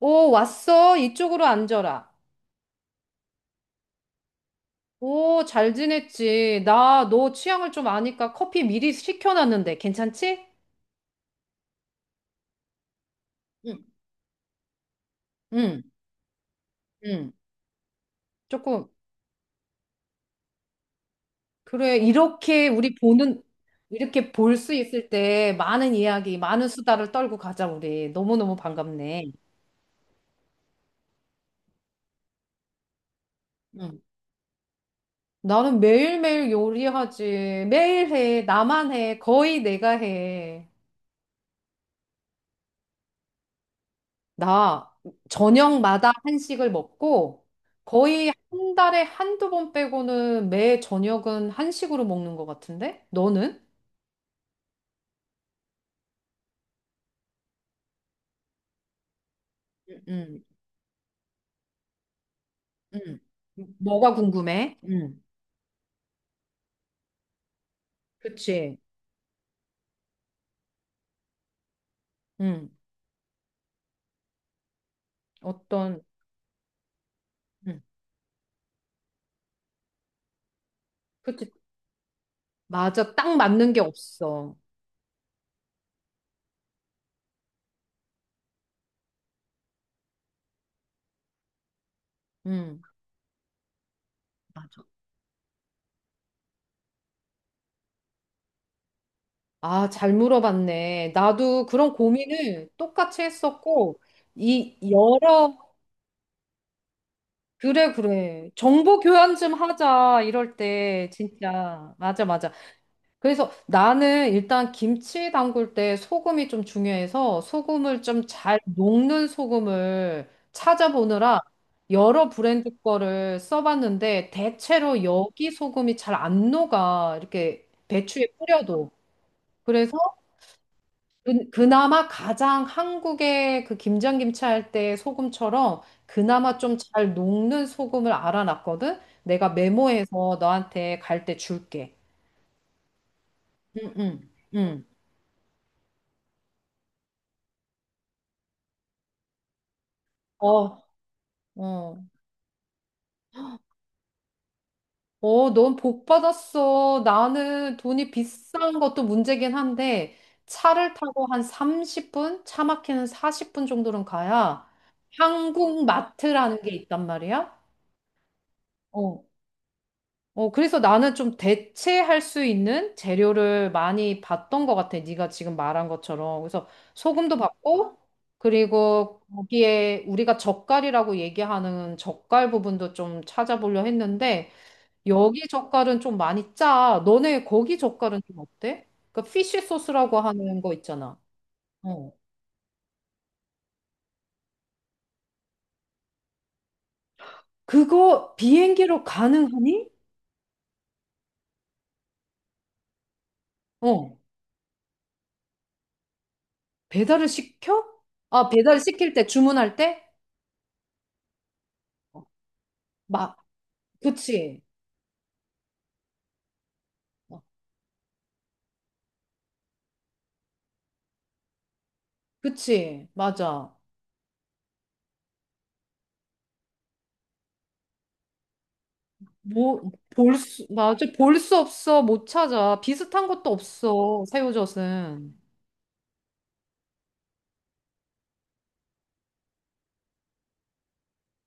오, 왔어. 이쪽으로 앉아라. 오, 잘 지냈지. 나 너 취향을 좀 아니까 커피 미리 시켜놨는데 괜찮지? 응, 응, 응. 조금, 그래. 이렇게 우리 보는, 이렇게 볼 수 있을 때 많은 이야기, 많은 수다를 떨고 가자, 우리. 너무너무 반갑네. 응. 나는 매일매일 요리하지. 매일 해. 나만 해. 거의 내가 해. 나 저녁마다 한식을 먹고 거의 한 달에 한두 번 빼고는 매 저녁은 한식으로 먹는 것 같은데? 너는? 응. 응. 뭐가 궁금해? 응. 그치. 응. 어떤, 응. 그치. 맞아. 딱 맞는 게 없어. 응. 맞아. 아, 잘 물어봤네. 나도 그런 고민을 똑같이 했었고, 이 여러 그래, 그래. 정보 교환 좀 하자, 이럴 때, 진짜. 맞아, 맞아. 그래서 나는 일단 김치 담글 때 소금이 좀 중요해서 소금을 좀 잘 녹는 소금을 찾아보느라 여러 브랜드 거를 써봤는데 대체로 여기 소금이 잘 안 녹아. 이렇게 배추에 뿌려도. 그래서 그나마 가장 한국의 그 김장김치 할 때 소금처럼 그나마 좀 잘 녹는 소금을 알아놨거든? 내가 메모해서 너한테 갈 때 줄게. 응, 응, 응. 어, 어. 어, 넌 복 받았어. 나는 돈이 비싼 것도 문제긴 한데 차를 타고 한 30분? 차 막히는 40분 정도는 가야 한국 마트라는 게 있단 말이야? 어. 어, 그래서 나는 좀 대체할 수 있는 재료를 많이 봤던 것 같아. 네가 지금 말한 것처럼. 그래서 소금도 봤고, 그리고 거기에 우리가 젓갈이라고 얘기하는 젓갈 부분도 좀 찾아보려 했는데, 여기 젓갈은 좀 많이 짜. 너네 거기 젓갈은 좀 어때? 그 피쉬 소스라고 하는 거 있잖아. 어. 그거 비행기로 가능하니? 어. 배달을 시켜? 아, 배달 시킬 때 주문할 때? 막, 그치. 어. 그치, 맞아. 뭐, 볼 수, 맞아. 볼 수 없어. 못 찾아. 비슷한 것도 없어. 새우젓은.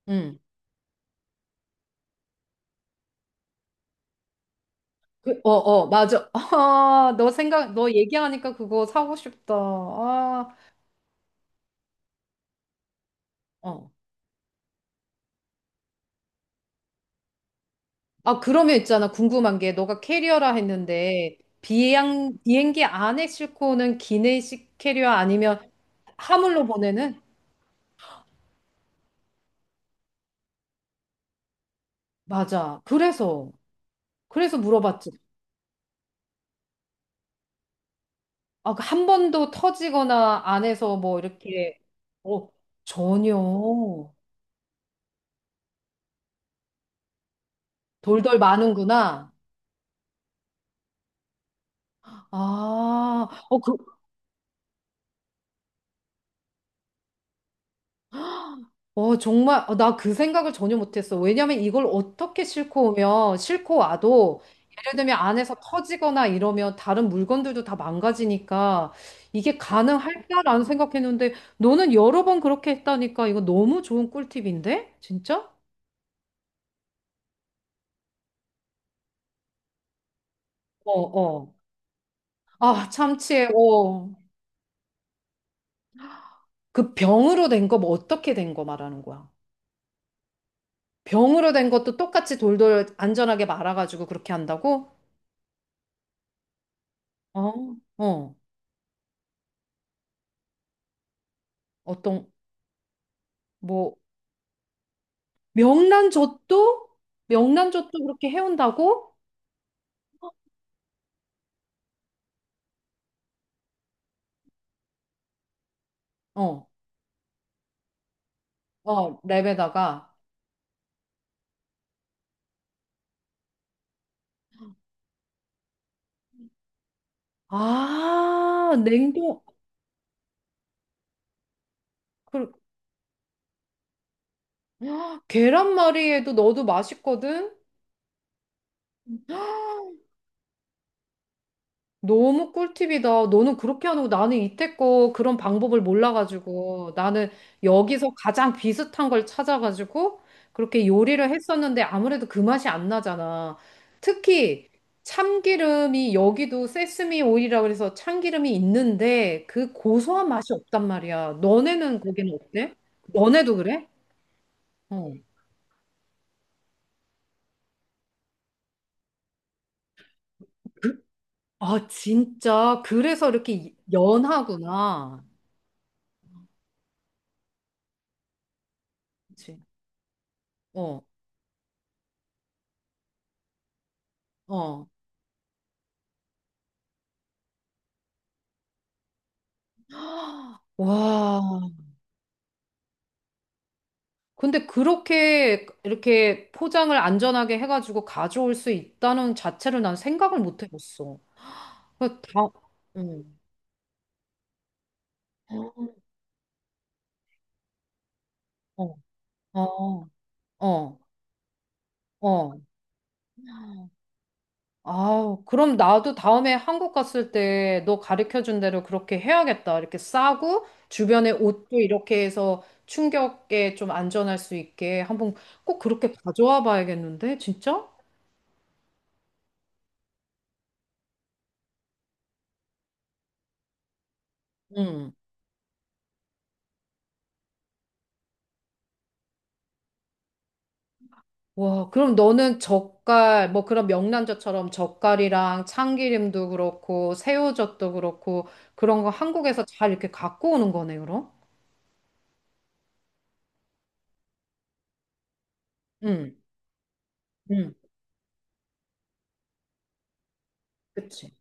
응. 그, 어, 어, 맞아. 아, 너 생각, 너 얘기하니까 그거 사고 싶다. 아, 어. 아, 그러면 있잖아. 궁금한 게, 너가 캐리어라 했는데, 비행기 안에 싣고 오는 기내식 캐리어 아니면 하물로 보내는? 맞아. 그래서, 그래서 물어봤지. 아, 그한 번도 터지거나 안에서 뭐 이렇게, 어, 전혀 돌돌 마는구나. 아, 어, 그, 어, 정말, 어, 나그 생각을 전혀 못했어. 왜냐면 이걸 어떻게 싣고 오면, 싣고 와도, 예를 들면 안에서 터지거나 이러면 다른 물건들도 다 망가지니까 이게 가능할까라는 생각했는데, 너는 여러 번 그렇게 했다니까 이거 너무 좋은 꿀팁인데? 진짜? 어, 어. 아, 참치에, 어. 그 병으로 된 거 뭐 어떻게 된 거 말하는 거야? 병으로 된 것도 똑같이 돌돌 안전하게 말아가지고 그렇게 한다고? 어, 어, 어떤 뭐 명란젓도 명란젓도 그렇게 해온다고? 어, 어, 랩에다가 아 냉동 그 계란말이에도 넣어도 맛있거든. 너무 꿀팁이다. 너는 그렇게 안 하고 나는 이때껏 그런 방법을 몰라가지고 나는 여기서 가장 비슷한 걸 찾아가지고 그렇게 요리를 했었는데 아무래도 그 맛이 안 나잖아. 특히 참기름이 여기도 세스미 오일이라 그래서 참기름이 있는데 그 고소한 맛이 없단 말이야. 너네는 거기는 어때? 너네도 그래? 어. 아, 진짜. 그래서 이렇게 연하구나. 그치? 어, 어. 와, 근데 그렇게 이렇게 포장을 안전하게 해가지고 가져올 수 있다는 자체를 난 생각을 못 해봤어. 그 다, 음. 어, 어, 어, 어. 아, 그럼 나도 다음에 한국 갔을 때 너 가르쳐준 대로 그렇게 해야겠다. 이렇게 싸고 주변에 옷도 이렇게 해서 충격에 좀 안전할 수 있게 한번 꼭 그렇게 가져와 봐야겠는데, 진짜? 응. 와, 그럼 너는 젓갈, 뭐 그런 명란젓처럼 젓갈이랑 참기름도 그렇고, 새우젓도 그렇고, 그런 거 한국에서 잘 이렇게 갖고 오는 거네, 그럼? 응, 응, 그치.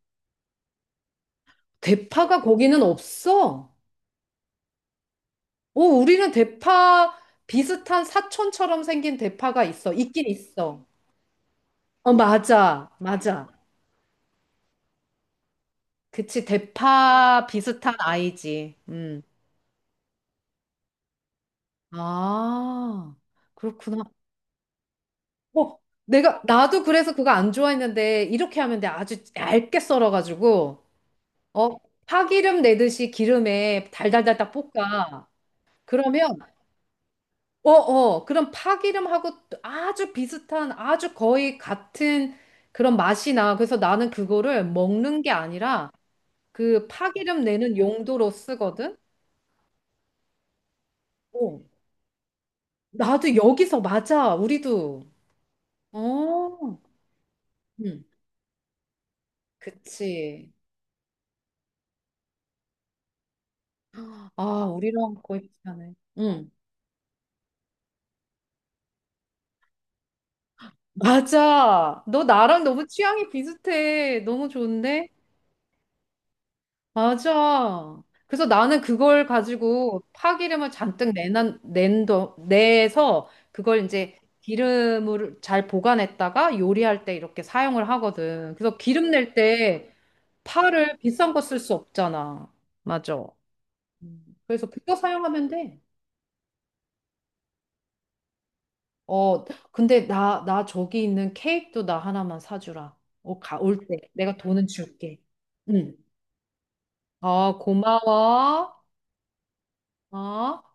대파가 거기는 없어. 오, 우리는 대파 비슷한 사촌처럼 생긴 대파가 있어. 있긴 있어. 어, 맞아, 맞아. 그치, 대파 비슷한 아이지. 음. 아, 그렇구나. 어, 내가, 나도 그래서 그거 안 좋아했는데, 이렇게 하면 돼. 아주 얇게 썰어가지고, 어, 파기름 내듯이 기름에 달달달달 볶아. 그러면, 어, 어, 그럼 파기름하고 아주 비슷한, 아주 거의 같은 그런 맛이 나. 그래서 나는 그거를 먹는 게 아니라, 그 파기름 내는 용도로 쓰거든? 어. 나도 여기서 맞아, 우리도. 어, 응, 그치. 아, 우리랑 거의 비슷하네. 응. 맞아. 너 나랑 너무 취향이 비슷해. 너무 좋은데? 맞아. 그래서 나는 그걸 가지고 파기름을 잔뜩 내난, 낸도, 내서 그걸 이제 기름을 잘 보관했다가 요리할 때 이렇게 사용을 하거든. 그래서 기름 낼 때 파를 비싼 거 쓸 수 없잖아. 맞아. 그래서 그거 사용하면 돼. 어, 근데 나, 나 저기 있는 케이크도 나 하나만 사주라. 어, 가, 올 때. 내가 돈은 줄게. 응. 어, 고마워. 어?